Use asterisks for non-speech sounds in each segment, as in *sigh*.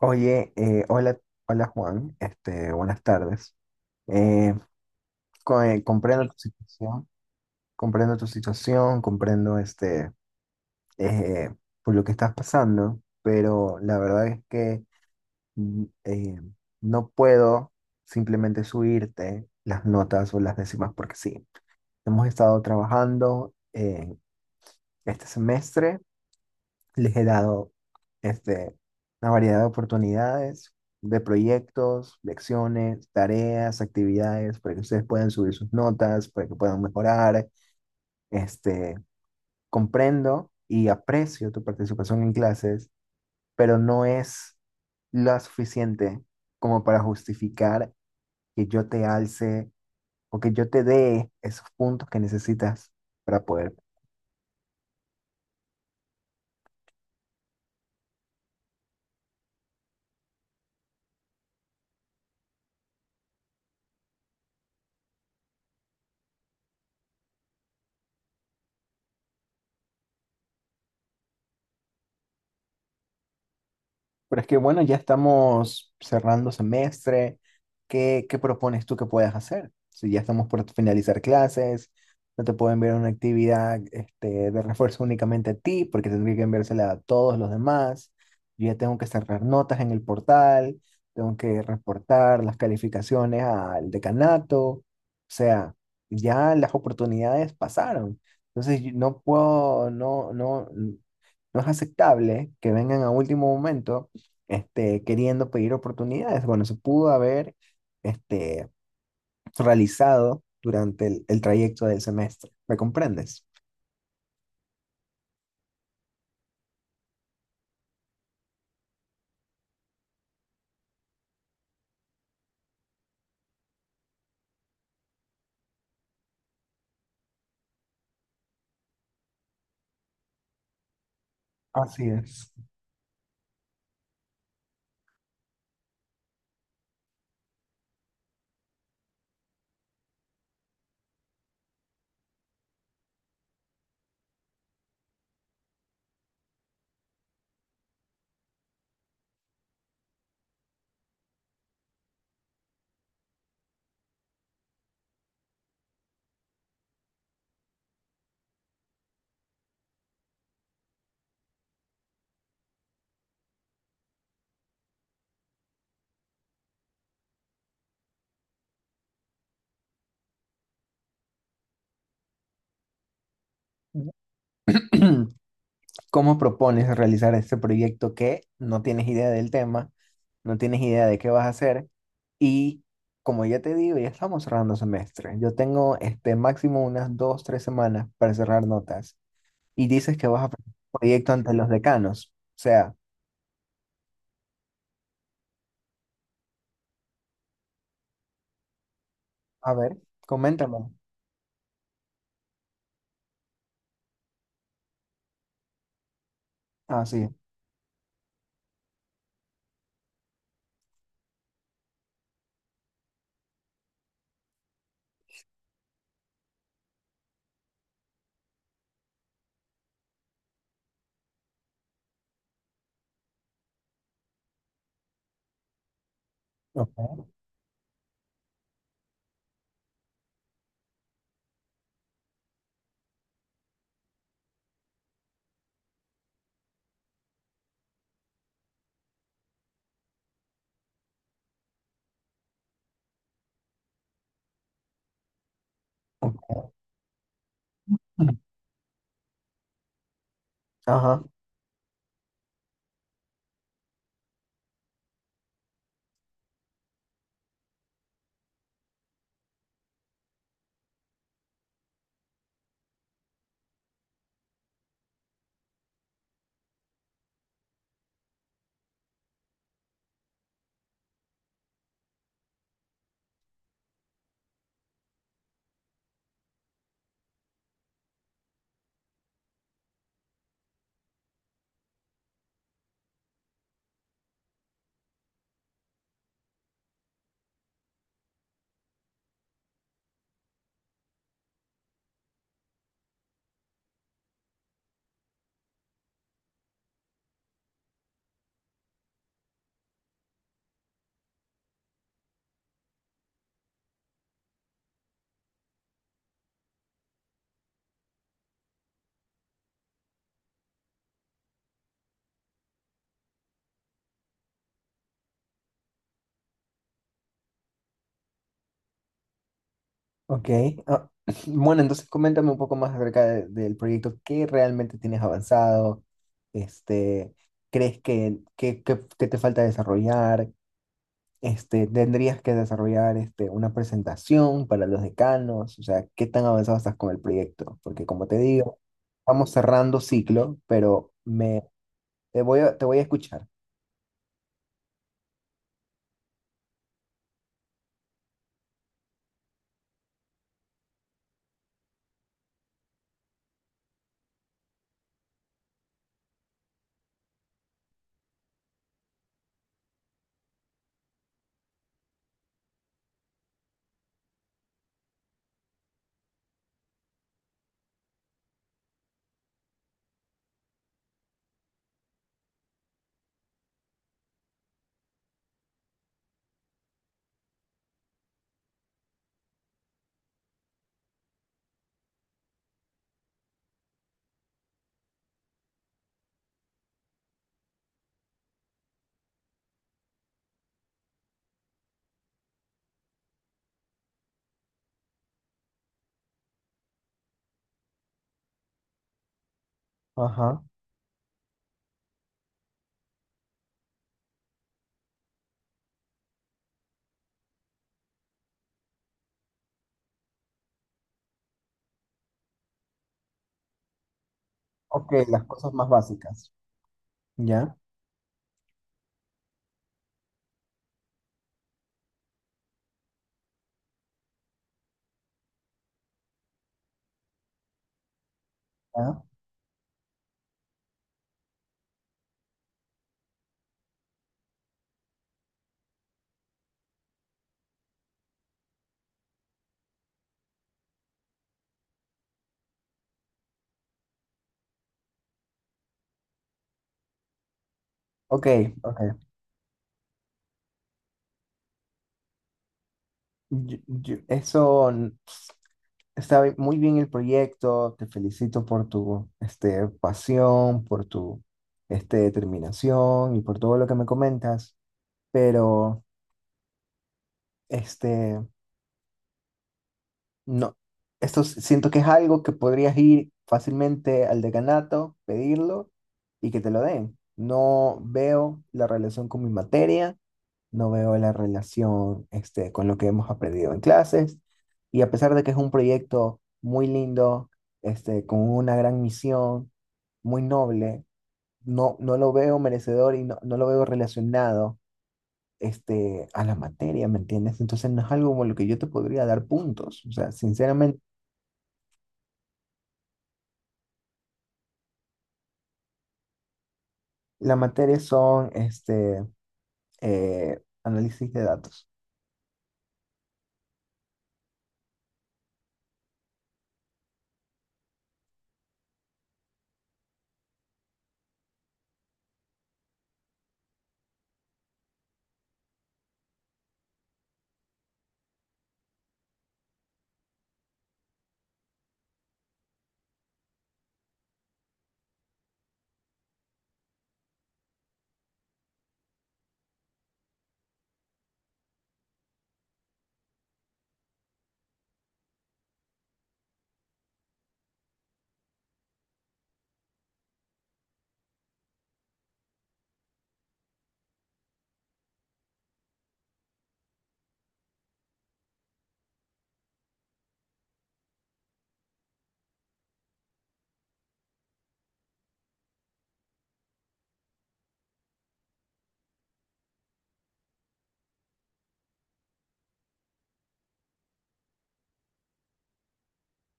Oye, hola, Juan, buenas tardes. Eh, Comprendo tu situación, comprendo eh, por lo que estás pasando, pero la verdad es que mm, eh, no puedo simplemente subirte las notas o las décimas porque sí. Hemos estado trabajando este semestre. Les he dado este, una variedad de oportunidades, de proyectos, lecciones, tareas, actividades, para que ustedes puedan subir sus notas, para que puedan mejorar. Este, Comprendo y aprecio tu participación en clases, pero no es lo suficiente como para justificar que yo te alce o que yo te dé esos puntos que necesitas para poder. Pero es que bueno, ya estamos cerrando semestre. ¿Qué propones tú que puedas hacer? Si ya estamos por finalizar clases, no te puedo enviar una actividad de refuerzo únicamente a ti, porque tendría que enviársela a todos los demás. Yo ya tengo que cerrar notas en el portal, tengo que reportar las calificaciones al decanato. O sea, ya las oportunidades pasaron. Entonces, yo no puedo, no, no, no es aceptable que vengan a último momento queriendo pedir oportunidades. Bueno, se pudo haber este, realizado durante el trayecto del semestre. ¿Me comprendes? Así es. *clears throat* ¿Cómo propones realizar este proyecto que no tienes idea del tema, no tienes idea de qué vas a hacer? Y como ya te digo, ya estamos cerrando semestre. Yo tengo máximo unas dos, tres semanas para cerrar notas. Y dices que vas a presentar un proyecto ante los decanos. O sea, a ver, coméntame. Así. Ok, ok. Ajá, ok. Ah, *clears throat* bueno, entonces coméntame un poco más acerca del proyecto. ¿Qué realmente tienes avanzado? Este, ¿Crees que te falta desarrollar? ¿Tendrías que desarrollar una presentación para los decanos? O sea, ¿qué tan avanzado estás con el proyecto? Porque como te digo, vamos cerrando ciclo, pero te voy te voy a escuchar. Ajá. Ok, las cosas más básicas. ¿Ya? ¿Ya? Ok, ok. Eso está muy bien el proyecto, te felicito por tu pasión, por tu determinación y por todo lo que me comentas, pero este, no, esto siento que es algo que podrías ir fácilmente al decanato, pedirlo y que te lo den. No veo la relación con mi materia, no veo la relación con lo que hemos aprendido en clases. Y a pesar de que es un proyecto muy lindo, con una gran misión, muy noble, no, no lo veo merecedor y no, no lo veo relacionado a la materia, ¿me entiendes? Entonces no es algo como lo que yo te podría dar puntos. O sea, sinceramente, la materia son análisis de datos.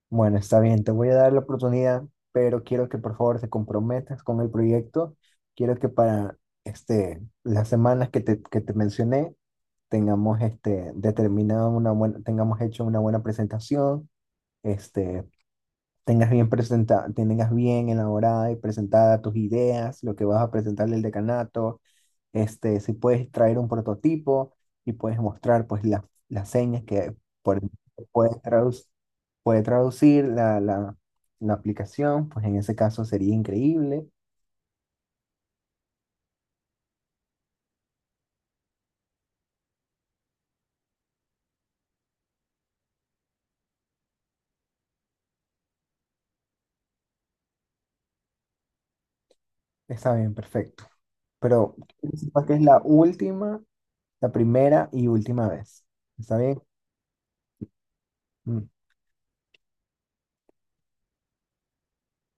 Bueno, está bien, te voy a dar la oportunidad, pero quiero que por favor te comprometas con el proyecto. Quiero que para las semanas que que te mencioné tengamos determinado una buena, tengamos hecho una buena presentación, este, tengas bien tengas bien elaborada y presentada tus ideas, lo que vas a presentarle al decanato, si puedes traer un prototipo y puedes mostrar pues las señas que por- puede, puede traducir la aplicación, pues en ese caso sería increíble. Está bien, perfecto. Pero quiero que sepas que es la primera y última vez. ¿Está bien? Mm,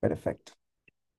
perfecto.